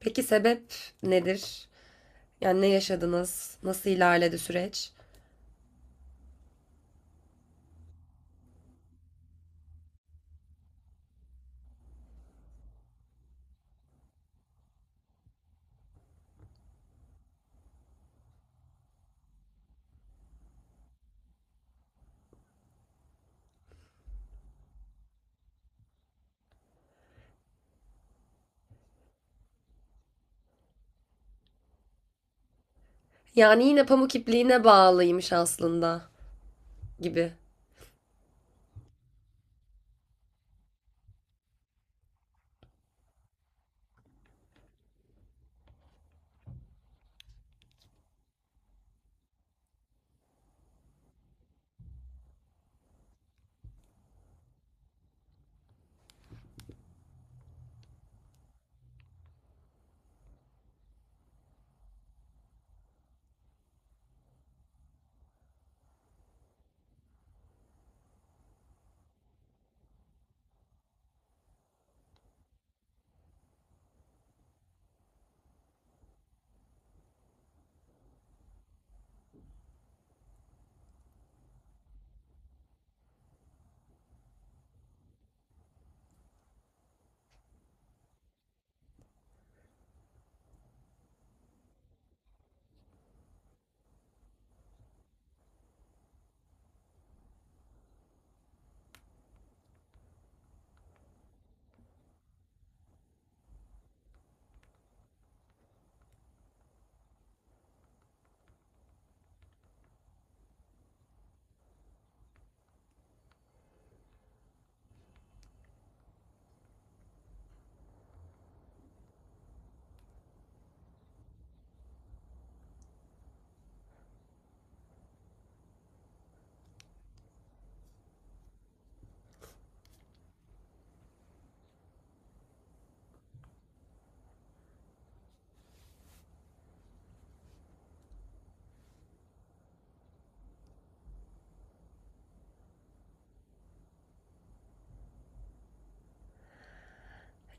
Peki sebep nedir? Yani ne yaşadınız? Nasıl ilerledi süreç? Yani yine pamuk ipliğine bağlıymış aslında gibi.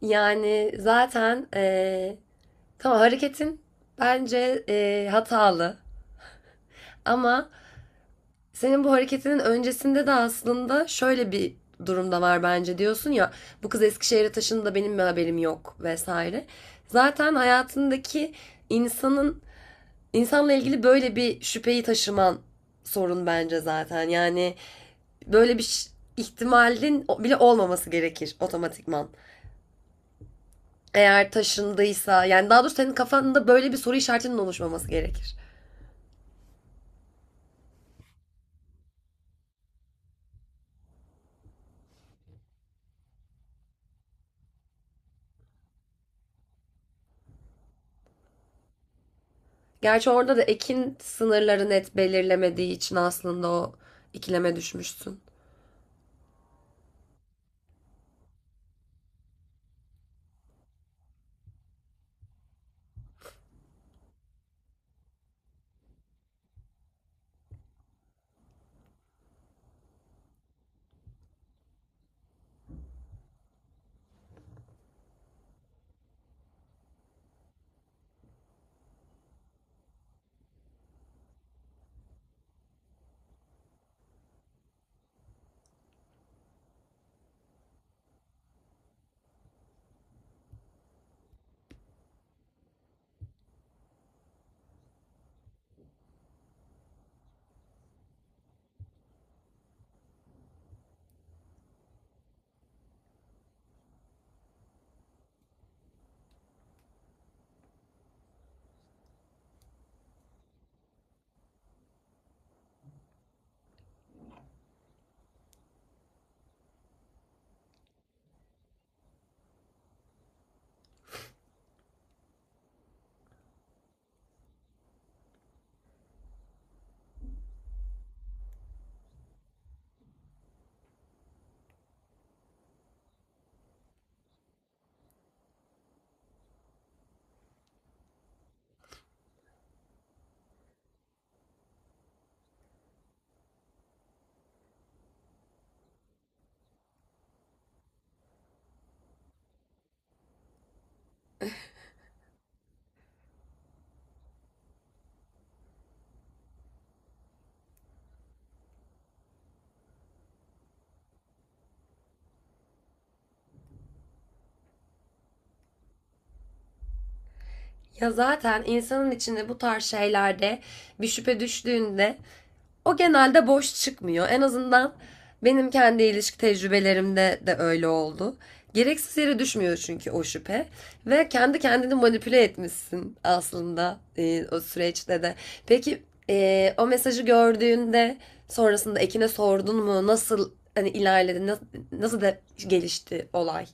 Yani zaten tamam, hareketin bence hatalı, ama senin bu hareketinin öncesinde de aslında şöyle bir durumda var bence, diyorsun ya, bu kız Eskişehir'e taşındı da benim bir haberim yok vesaire. Zaten hayatındaki insanın İnsanla ilgili böyle bir şüpheyi taşıman sorun bence zaten. Yani böyle bir ihtimalin bile olmaması gerekir otomatikman. Eğer taşındıysa, yani daha doğrusu senin kafanda böyle bir soru işaretinin oluşmaması gerekir. Gerçi orada da Ekin sınırları net belirlemediği için aslında o ikileme düşmüşsün. Ya zaten insanın içinde bu tarz şeylerde bir şüphe düştüğünde o genelde boş çıkmıyor. En azından benim kendi ilişki tecrübelerimde de öyle oldu. Gereksiz yere düşmüyor çünkü o şüphe. Ve kendi kendini manipüle etmişsin aslında o süreçte de. Peki, o mesajı gördüğünde sonrasında Ekin'e sordun mu? Nasıl hani ilerledi? Nasıl da gelişti olay?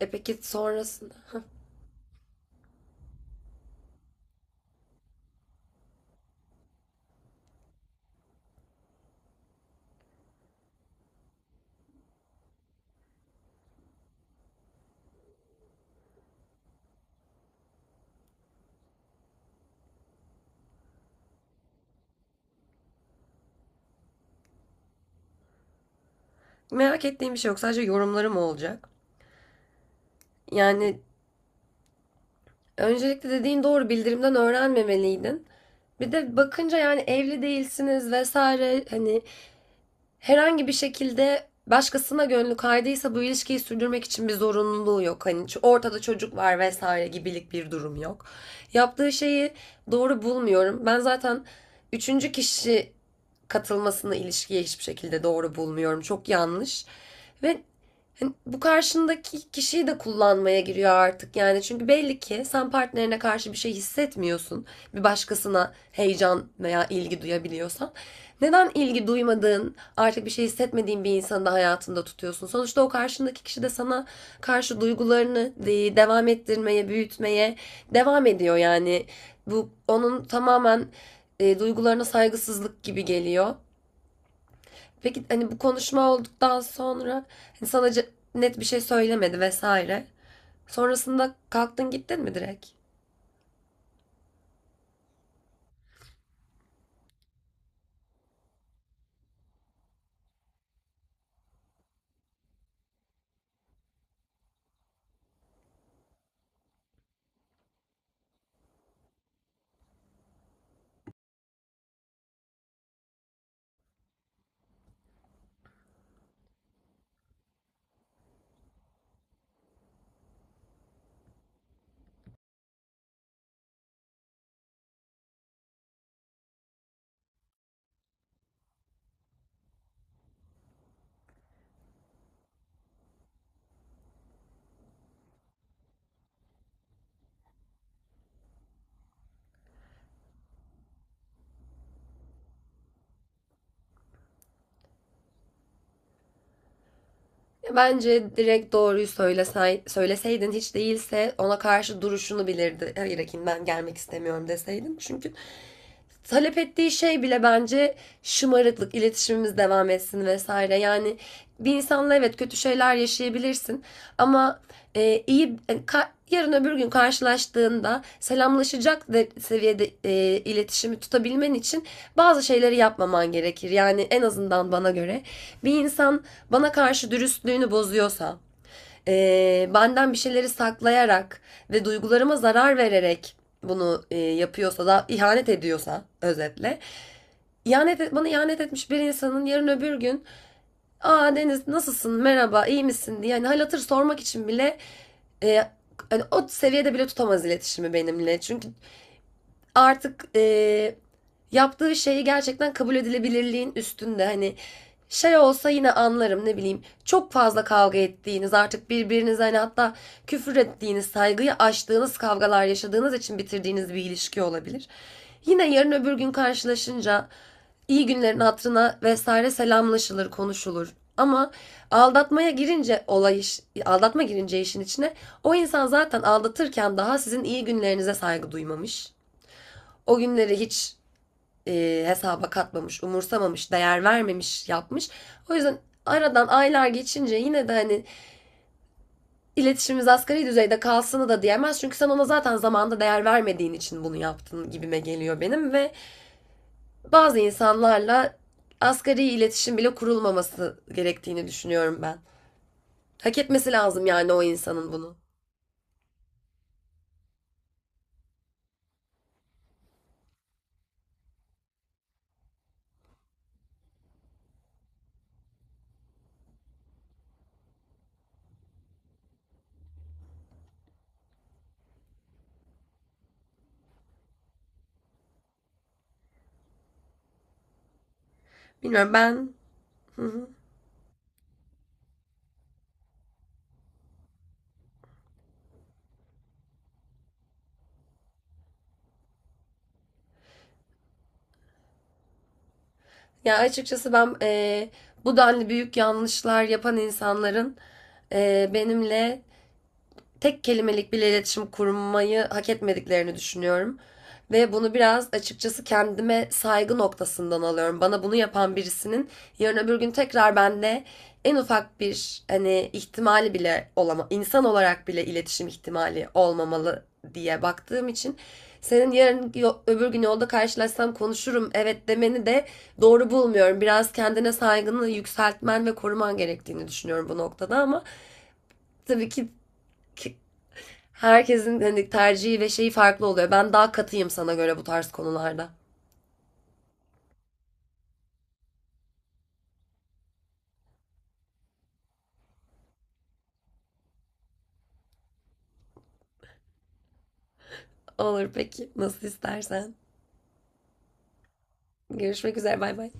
E peki, sonrasında? Merak ettiğim bir şey yok. Sadece yorumlarım olacak. Yani öncelikle, dediğin doğru, bildirimden öğrenmemeliydin. Bir de bakınca yani evli değilsiniz vesaire, hani herhangi bir şekilde başkasına gönlü kaydıysa bu ilişkiyi sürdürmek için bir zorunluluğu yok. Hani ortada çocuk var vesaire gibilik bir durum yok. Yaptığı şeyi doğru bulmuyorum. Ben zaten üçüncü kişi katılmasını ilişkiye hiçbir şekilde doğru bulmuyorum. Çok yanlış. Ve hani bu karşındaki kişiyi de kullanmaya giriyor artık yani. Çünkü belli ki sen partnerine karşı bir şey hissetmiyorsun. Bir başkasına heyecan veya ilgi duyabiliyorsan. Neden ilgi duymadığın, artık bir şey hissetmediğin bir insanı da hayatında tutuyorsun? Sonuçta o karşındaki kişi de sana karşı duygularını devam ettirmeye, büyütmeye devam ediyor yani. Bu onun tamamen duygularına saygısızlık gibi geliyor. Peki hani bu konuşma olduktan sonra hani sana net bir şey söylemedi vesaire. Sonrasında kalktın gittin mi direkt? Ya bence direkt doğruyu söyleseydin hiç değilse ona karşı duruşunu bilirdi. Hayır Ekin, ben gelmek istemiyorum deseydin. Çünkü talep ettiği şey bile bence şımarıklık, iletişimimiz devam etsin vesaire. Yani bir insanla evet kötü şeyler yaşayabilirsin, ama iyi yani yarın öbür gün karşılaştığında selamlaşacak seviyede iletişimi tutabilmen için bazı şeyleri yapmaman gerekir. Yani en azından bana göre bir insan bana karşı dürüstlüğünü bozuyorsa, benden bir şeyleri saklayarak ve duygularıma zarar vererek bunu yapıyorsa da, ihanet ediyorsa özetle, bana ihanet etmiş bir insanın yarın öbür gün "Aa Deniz, nasılsın, merhaba, iyi misin?" diye hani hal hatır sormak için bile eee, hani o seviyede bile tutamaz iletişimi benimle, çünkü artık yaptığı şeyi gerçekten kabul edilebilirliğin üstünde. Hani şey olsa yine anlarım, ne bileyim, çok fazla kavga ettiğiniz, artık birbirinize hani hatta küfür ettiğiniz, saygıyı aştığınız kavgalar yaşadığınız için bitirdiğiniz bir ilişki olabilir. Yine yarın öbür gün karşılaşınca iyi günlerin hatırına vesaire selamlaşılır, konuşulur. Ama aldatmaya girince aldatma girince işin içine, o insan zaten aldatırken daha sizin iyi günlerinize saygı duymamış. O günleri hiç hesaba katmamış, umursamamış, değer vermemiş, yapmış. O yüzden aradan aylar geçince yine de hani iletişimimiz asgari düzeyde kalsını da diyemez. Çünkü sen ona zaten zamanında değer vermediğin için bunu yaptın gibime geliyor benim, ve bazı insanlarla asgari iletişim bile kurulmaması gerektiğini düşünüyorum ben. Hak etmesi lazım yani o insanın bunu. Bilmiyorum ben. Hı hı. Ya açıkçası ben, bu denli büyük yanlışlar yapan insanların benimle tek kelimelik bile iletişim kurmayı hak etmediklerini düşünüyorum. Ve bunu biraz açıkçası kendime saygı noktasından alıyorum. Bana bunu yapan birisinin yarın öbür gün tekrar bende en ufak bir hani ihtimali bile insan olarak bile iletişim ihtimali olmamalı diye baktığım için senin "yarın öbür gün yolda karşılaşsam konuşurum" evet demeni de doğru bulmuyorum. Biraz kendine saygını yükseltmen ve koruman gerektiğini düşünüyorum bu noktada, ama tabii ki- herkesin hani tercihi ve şeyi farklı oluyor. Ben daha katıyım sana göre bu tarz konularda. Olur peki. Nasıl istersen. Görüşmek üzere. Bay bay.